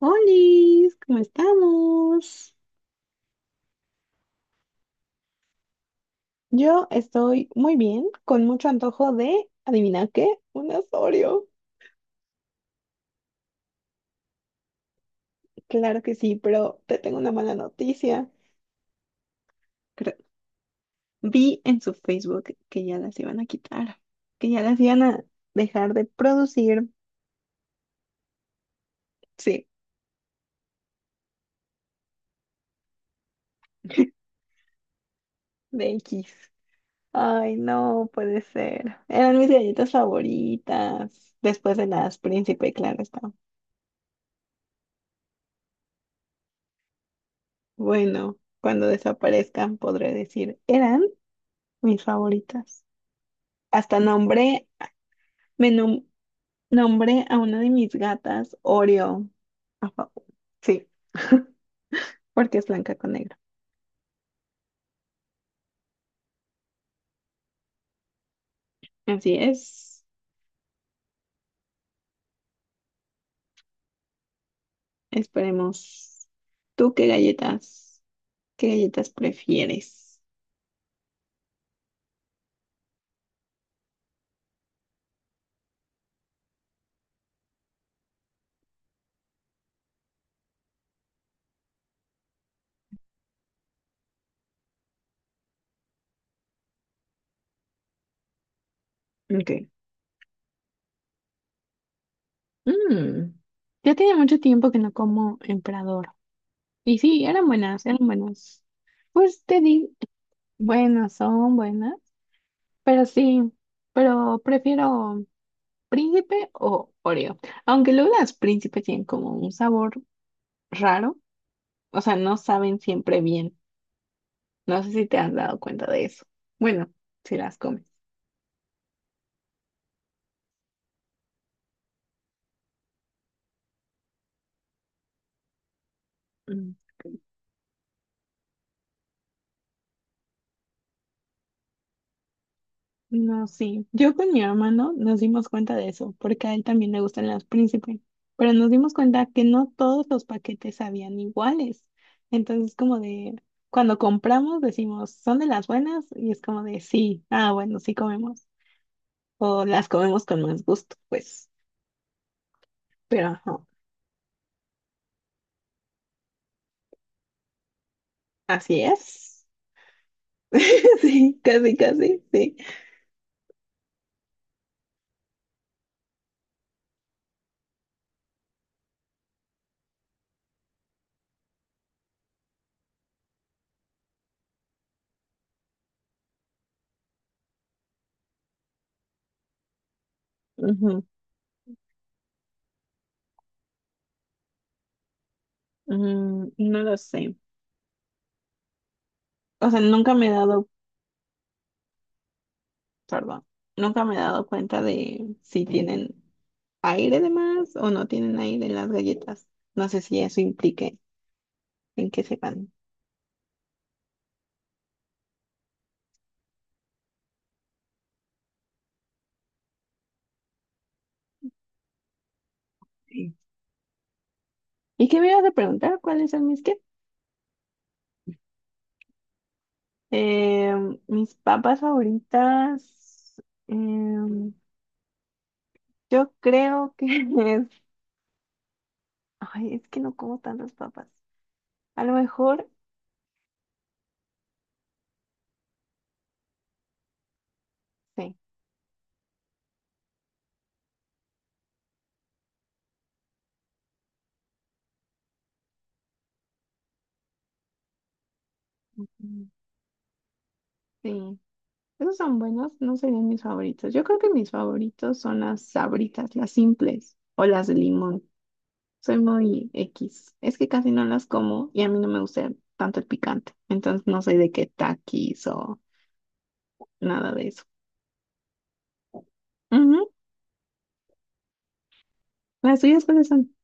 Hola, ¿cómo estamos? Yo estoy muy bien, con mucho antojo de, ¿adivina qué? Un Asorio. Claro que sí, pero te tengo una mala noticia. Cre- Vi en su Facebook que ya las iban a quitar, que ya las iban a dejar de producir. Sí, de X. Ay, no puede ser. Eran mis galletas favoritas, después de las Príncipe, claro está. Bueno, cuando desaparezcan podré decir, eran mis favoritas. Hasta nombré, me nom- Nombré a una de mis gatas Oreo. a fa- Sí, porque es blanca con negro. Así es. Esperemos. ¿Tú qué galletas, ¿Qué galletas prefieres? Ok. Mm, ya tenía mucho tiempo que no como emperador. Y sí, eran buenas, eran buenas. Pues te di, buenas son buenas, pero sí, pero prefiero Príncipe o Oreo. Aunque luego las príncipes tienen como un sabor raro, o sea, no saben siempre bien. No sé si te has dado cuenta de eso. Bueno, si las comes. Mm. No, sí. Yo con mi hermano nos dimos cuenta de eso, porque a él también le gustan las príncipes. Pero nos dimos cuenta que no todos los paquetes sabían iguales. Entonces, como de, cuando compramos decimos, ¿son de las buenas? Y es como de, sí, ah, bueno, sí comemos. O las comemos con más gusto, pues. Pero ajá. Así es. Sí, casi, casi, sí. Ujú. Mm, no lo sé. O sea, nunca me he dado, perdón, nunca me he dado cuenta de si tienen aire de más o no tienen aire en las galletas. No sé si eso implique en que sepan. Sí. ¿Y qué me ibas a preguntar? ¿Cuáles son mis qué? Mis papas favoritas. em, yo creo que es. Ay, es que no como tantas papas. A lo mejor, sí. Sí, esos son buenos, no serían mis favoritos. Yo creo que mis favoritos son las sabritas, las simples o las de limón. Soy muy X. Es que casi no las como y a mí no me gusta tanto el picante. Entonces no soy de que taquis o nada de eso. Ujú. ¿Las tuyas cuáles son?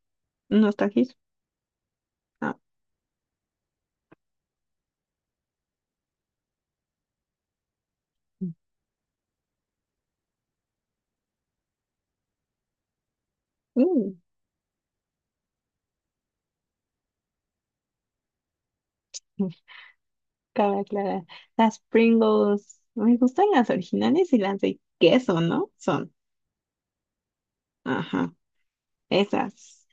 ¿Unos taquis? Ah. Uh, cabe aclarar. Las Pringles. Me gustan las originales y las de queso, ¿no? Son. Ajá. Esas.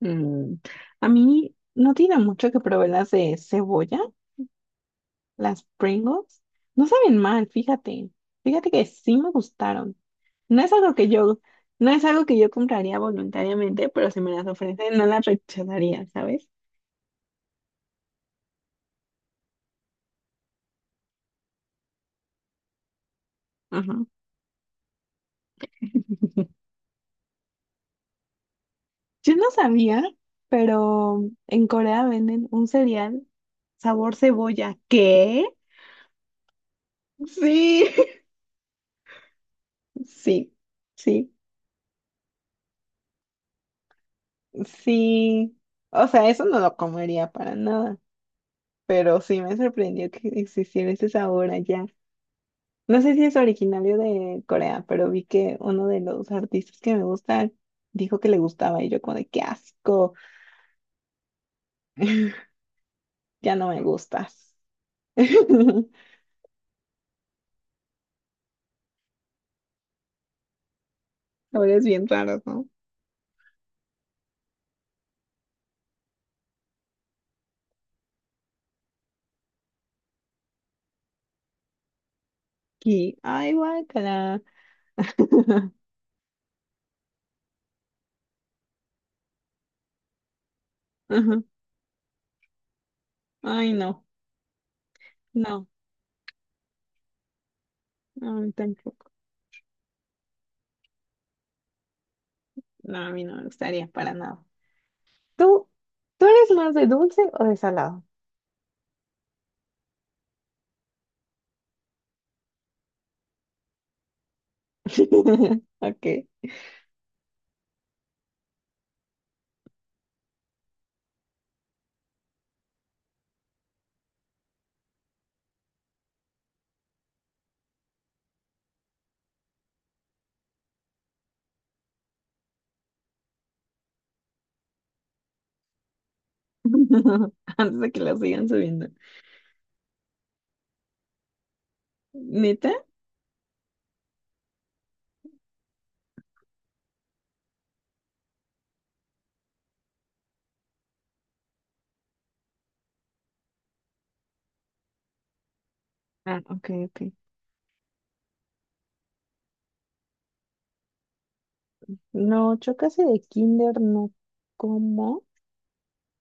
Mm, a mí no tiene mucho que probé las de cebolla, las Pringles. No saben mal, fíjate. Fíjate que sí me gustaron. No es algo que yo, no es algo que yo compraría voluntariamente, pero si me las ofrecen, no las rechazaría, ¿sabes? Ajá. Yo no sabía, pero en Corea venden un cereal sabor cebolla. ¿Qué? Sí, sí, sí, sí. O sea, eso no lo comería para nada. Pero sí me sorprendió que existiera ese sabor allá. No sé si es originario de Corea, pero vi que uno de los artistas que me gusta dijo que le gustaba y yo como de qué asco, ya no me gustas. Sabores bien raros, ¿no? Y, ay, guácala. Ajá. Ay, no, no, no, a mí tampoco. No, a mí no me gustaría para nada. ¿Tú, ¿tú eres más de dulce o de salado? Ok. Antes de que lo sigan subiendo. ¿Neta? Ah, ok, ok. No, yo casi de Kinder no como.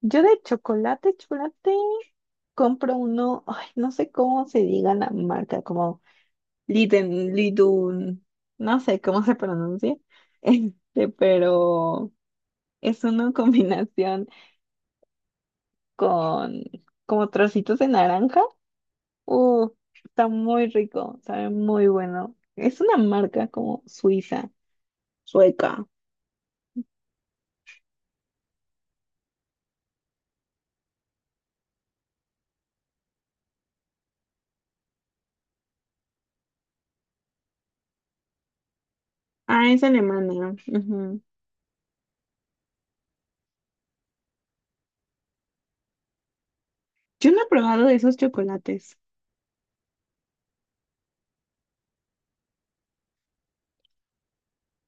Yo de chocolate, chocolate, compro uno, ay, no sé cómo se diga la marca, como Liden, Lidun, no sé cómo se pronuncia, este, pero es una combinación con como trocitos de naranja. Uh, está muy rico, sabe muy bueno. Es una marca como suiza, sueca. Ah, es alemana. Ujú. Yo no he probado esos chocolates.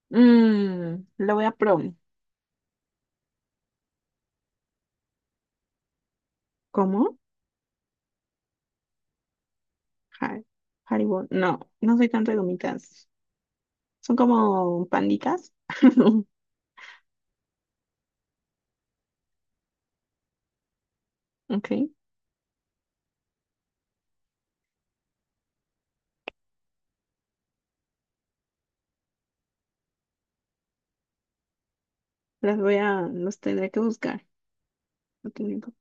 Mmm, lo voy a probar. ¿Cómo? Har- Haribo. No, no soy tanto de gomitas. Son como panditas. Ok. Las voy a, los tendré que buscar. Lo tendré que-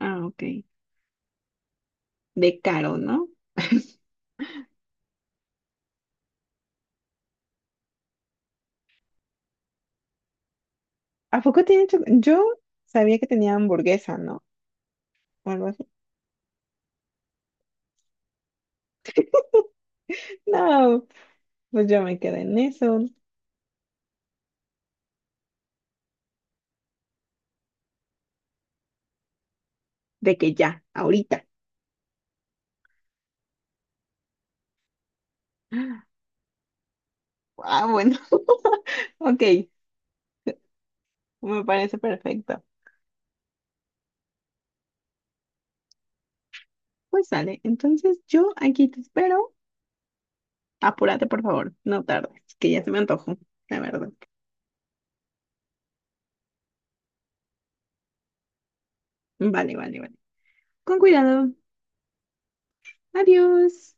Ah, ok. De caro, ¿no? ¿A poco tienen chocolate? Yo sabía que tenía hamburguesa, ¿no? O algo así. No, pues yo me quedé en eso. De que ya, ahorita. Ah, bueno. Ok, me parece perfecto. Pues sale. Entonces yo aquí te espero. Apúrate, por favor. No tardes, que ya se me antojó, la verdad. Vale, vale, vale. Con cuidado. Adiós.